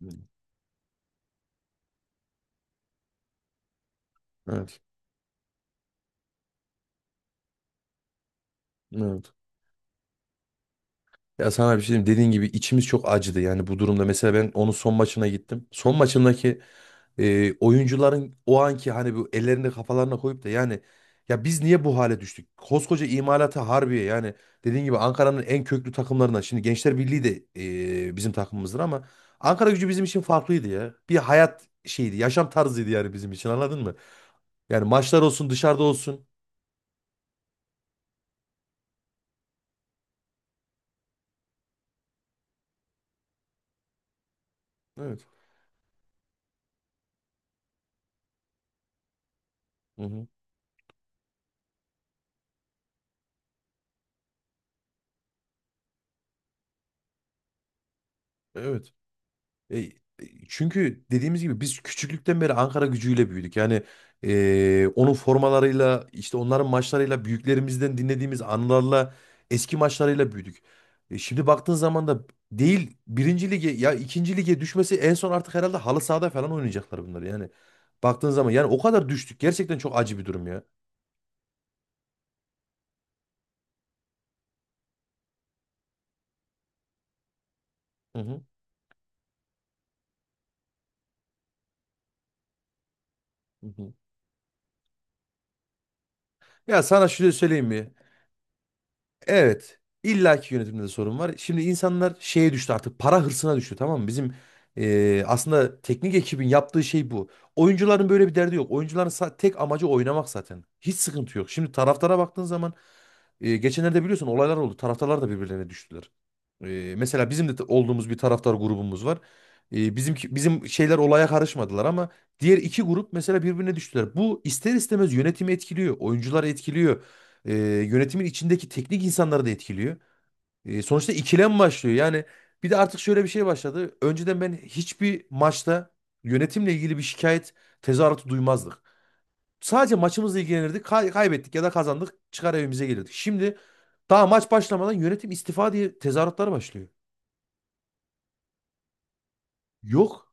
Hmm. Evet. Evet. Ya sana bir şey diyeyim. Dediğin gibi içimiz çok acıdı yani bu durumda. Mesela ben onun son maçına gittim. Son maçındaki oyuncuların o anki hani bu ellerini kafalarına koyup da yani ya biz niye bu hale düştük? Koskoca imalata Harbiye yani dediğin gibi Ankara'nın en köklü takımlarından. Şimdi Gençler Birliği de bizim takımımızdır ama Ankara gücü bizim için farklıydı ya. Bir hayat şeydi, yaşam tarzıydı yani bizim için anladın mı? Yani maçlar olsun dışarıda olsun. Evet. Hı hı. Evet. E, e, çünkü dediğimiz gibi biz küçüklükten beri Ankara gücüyle büyüdük. Yani onun formalarıyla işte onların maçlarıyla büyüklerimizden dinlediğimiz anılarla eski maçlarıyla büyüdük. Şimdi baktığın zaman da değil birinci lige ya ikinci lige düşmesi en son artık herhalde halı sahada falan oynayacaklar bunlar yani. Baktığın zaman yani o kadar düştük. Gerçekten çok acı bir durum ya. Hı hı. Hı hı. Ya sana şunu söyleyeyim mi? Evet. illaki yönetimde de sorun var. Şimdi insanlar şeye düştü artık para hırsına düştü tamam mı? Bizim aslında teknik ekibin yaptığı şey bu. Oyuncuların böyle bir derdi yok. Oyuncuların tek amacı oynamak zaten. Hiç sıkıntı yok. Şimdi taraftara baktığın zaman geçenlerde biliyorsun olaylar oldu. Taraftarlar da birbirlerine düştüler. Mesela bizim de olduğumuz bir taraftar grubumuz var. Bizimki, bizim şeyler olaya karışmadılar ama diğer iki grup mesela birbirine düştüler. Bu ister istemez yönetimi etkiliyor, oyuncuları etkiliyor e, yönetimin içindeki teknik insanları da etkiliyor. E, sonuçta ikilem başlıyor. Yani bir de artık şöyle bir şey başladı. Önceden ben hiçbir maçta yönetimle ilgili bir şikayet tezahüratı duymazdık. Sadece maçımızla ilgilenirdik. Kaybettik ya da kazandık. Çıkar evimize gelirdik. Şimdi daha maç başlamadan yönetim istifa diye tezahüratlar başlıyor. Yok.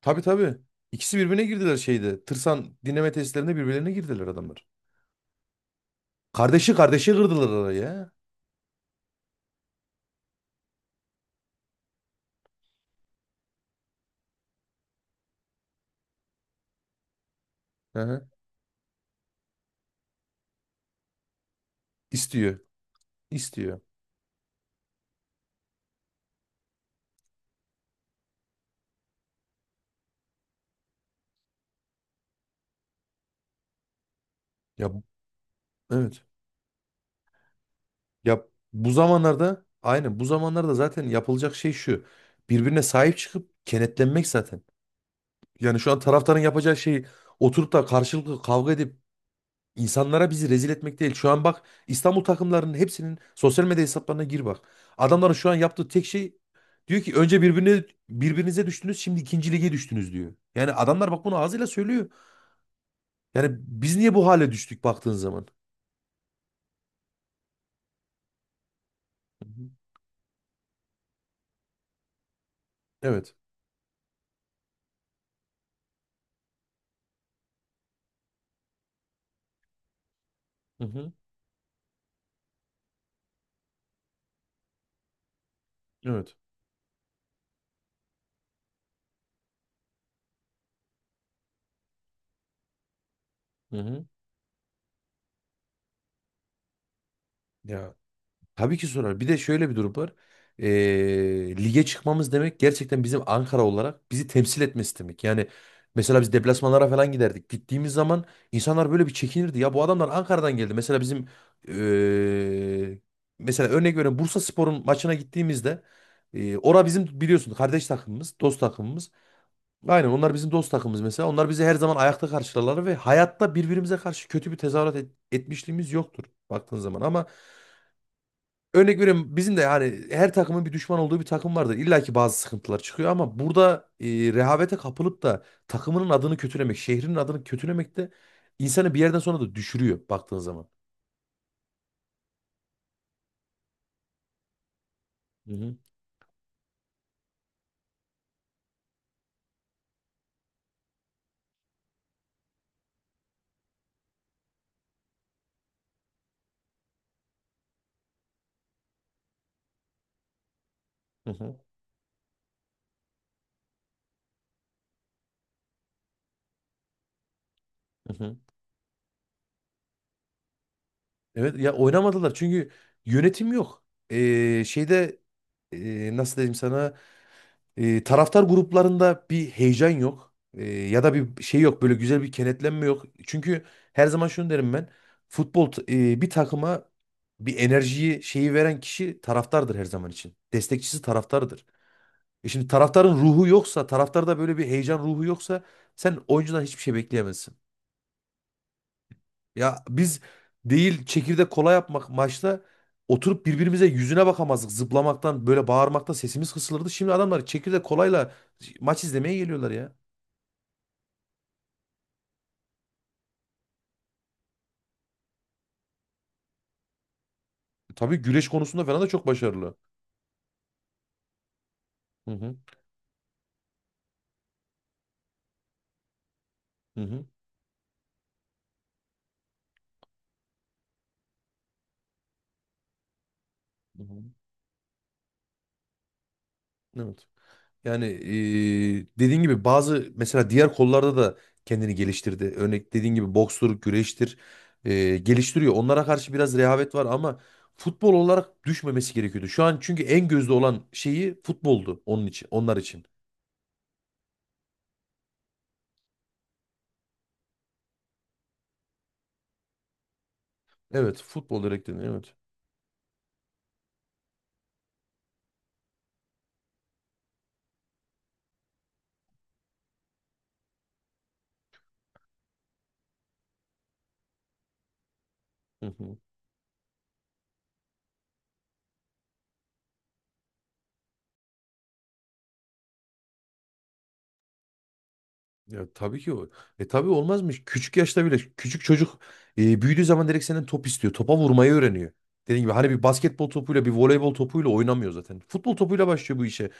Tabii tabii. İkisi birbirine girdiler şeyde. Tırsan dinleme testlerinde birbirlerine girdiler adamlar. Kardeşi kırdılar araya. Hı hı. İstiyor. İstiyor. Ya bu- evet. Ya bu zamanlarda aynen bu zamanlarda zaten yapılacak şey şu. Birbirine sahip çıkıp kenetlenmek zaten. Yani şu an taraftarın yapacağı şey oturup da karşılıklı kavga edip insanlara bizi rezil etmek değil. Şu an bak İstanbul takımlarının hepsinin sosyal medya hesaplarına gir bak. Adamların şu an yaptığı tek şey diyor ki önce birbirine birbirinize düştünüz şimdi ikinci lige düştünüz diyor. Yani adamlar bak bunu ağzıyla söylüyor. Yani biz niye bu hale düştük baktığın zaman? Hı hı. Evet. Hı hı. Evet. Hı hı. Ya tabii ki sorar. Bir de şöyle bir durum var. Lige çıkmamız demek gerçekten bizim Ankara olarak bizi temsil etmesi demek. Yani mesela biz deplasmanlara falan giderdik. Gittiğimiz zaman insanlar böyle bir çekinirdi. Ya bu adamlar Ankara'dan geldi. Mesela bizim ee, mesela örnek veriyorum Bursaspor'un maçına gittiğimizde ora bizim biliyorsun kardeş takımımız, dost takımımız. Aynen onlar bizim dost takımımız mesela. Onlar bizi her zaman ayakta karşılarlar ve hayatta birbirimize karşı kötü bir tezahürat etmişliğimiz yoktur baktığın zaman ama örnek veriyorum bizim de yani her takımın bir düşman olduğu bir takım vardır. İlla ki bazı sıkıntılar çıkıyor ama burada rehavete kapılıp da takımının adını kötülemek, şehrinin adını kötülemek de insanı bir yerden sonra da düşürüyor baktığın zaman. Hı hı, hı hı, hı hı. Evet ya oynamadılar çünkü yönetim yok. Şeyde nasıl diyeyim sana. Taraftar gruplarında bir heyecan yok. E, ya da bir şey yok. Böyle güzel bir kenetlenme yok. Çünkü her zaman şunu derim ben. Futbol t- Bir takıma bir enerjiyi şeyi veren kişi taraftardır her zaman için. Destekçisi taraftardır. E şimdi taraftarın ruhu yoksa, taraftarda böyle bir heyecan ruhu yoksa sen oyuncudan hiçbir şey bekleyemezsin. Ya biz değil çekirdek kola yapmak maçta oturup birbirimize yüzüne bakamazdık. Zıplamaktan böyle bağırmaktan sesimiz kısılırdı. Şimdi adamlar çekirdek kolayla maç izlemeye geliyorlar ya. E tabii güreş konusunda falan da çok başarılı. Hı hı. Hı hı. Hı hı. Evet. Yani dediğin gibi bazı mesela diğer kollarda da kendini geliştirdi. Örnek dediğin gibi bokstur, güreştir geliştiriyor. Onlara karşı biraz rehavet var ama futbol olarak düşmemesi gerekiyordu. Şu an çünkü en gözde olan şeyi futboldu onun için, onlar için. Evet, futbol direkt dedin, evet. Ya tabii ki o. E tabii olmaz mı? Küçük yaşta bile küçük çocuk büyüdüğü zaman direkt senden top istiyor. Topa vurmayı öğreniyor. Dediğim gibi hani bir basketbol topuyla bir voleybol topuyla oynamıyor zaten. Futbol topuyla başlıyor bu işe.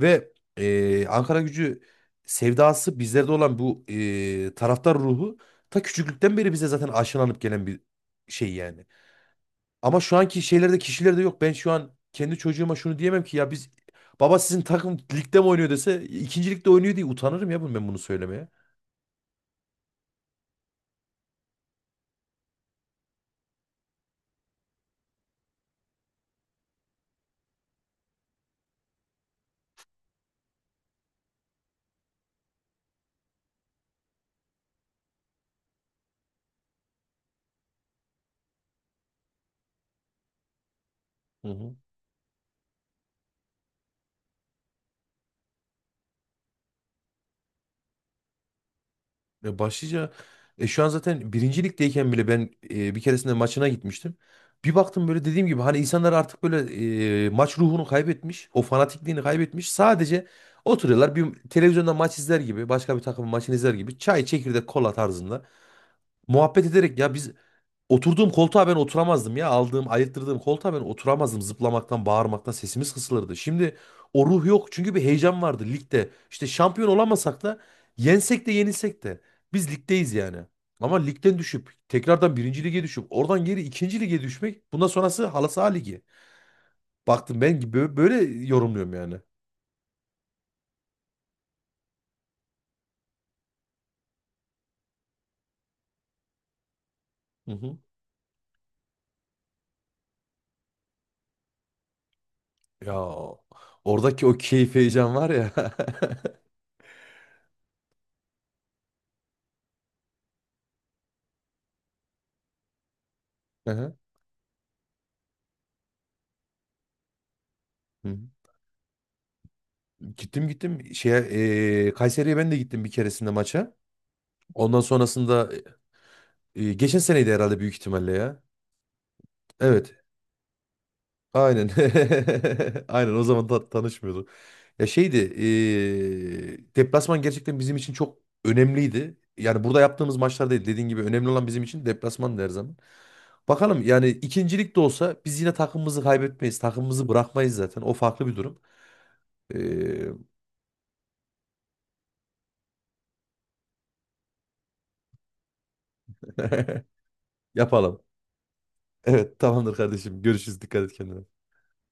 Ve Ankara Gücü sevdası bizlerde olan bu taraftar ruhu ta küçüklükten beri bize zaten aşılanıp gelen bir şey yani. Ama şu anki şeylerde kişilerde yok. Ben şu an kendi çocuğuma şunu diyemem ki ya biz baba sizin takım ligde mi oynuyor dese ikinci ligde oynuyor diye utanırım ya ben bunu söylemeye. Hı hı. Ya başlıca şu an zaten birinci ligdeyken bile ben bir keresinde maçına gitmiştim. Bir baktım böyle dediğim gibi hani insanlar artık böyle maç ruhunu kaybetmiş. O fanatikliğini kaybetmiş. Sadece oturuyorlar bir televizyonda maç izler gibi başka bir takımın maçını izler gibi çay çekirdek kola tarzında muhabbet ederek ya biz oturduğum koltuğa ben oturamazdım ya. Aldığım, ayırttırdığım koltuğa ben oturamazdım. Zıplamaktan, bağırmaktan sesimiz kısılırdı. Şimdi o ruh yok. Çünkü bir heyecan vardı ligde. İşte şampiyon olamasak da yensek de yenilsek de biz ligdeyiz yani. Ama ligden düşüp tekrardan birinci lige düşüp oradan geri ikinci lige düşmek bundan sonrası halı saha ligi. Baktım ben gibi böyle yorumluyorum yani. Hı hı. Ya oradaki o keyif heyecan var ya. Hı hı. Hı hı. Gittim şeye Kayseri'ye ben de gittim bir keresinde maça. Ondan sonrasında geçen seneydi herhalde büyük ihtimalle ya. Evet. Aynen. Aynen o zaman tanışmıyorduk. Ya şeydi, deplasman gerçekten bizim için çok önemliydi. Yani burada yaptığımız maçlar değil. Dediğin gibi önemli olan bizim için deplasman her zaman. Bakalım yani ikincilik de olsa biz yine takımımızı kaybetmeyiz. Takımımızı bırakmayız zaten. O farklı bir durum. E, yapalım. Evet tamamdır kardeşim. Görüşürüz. Dikkat et kendine.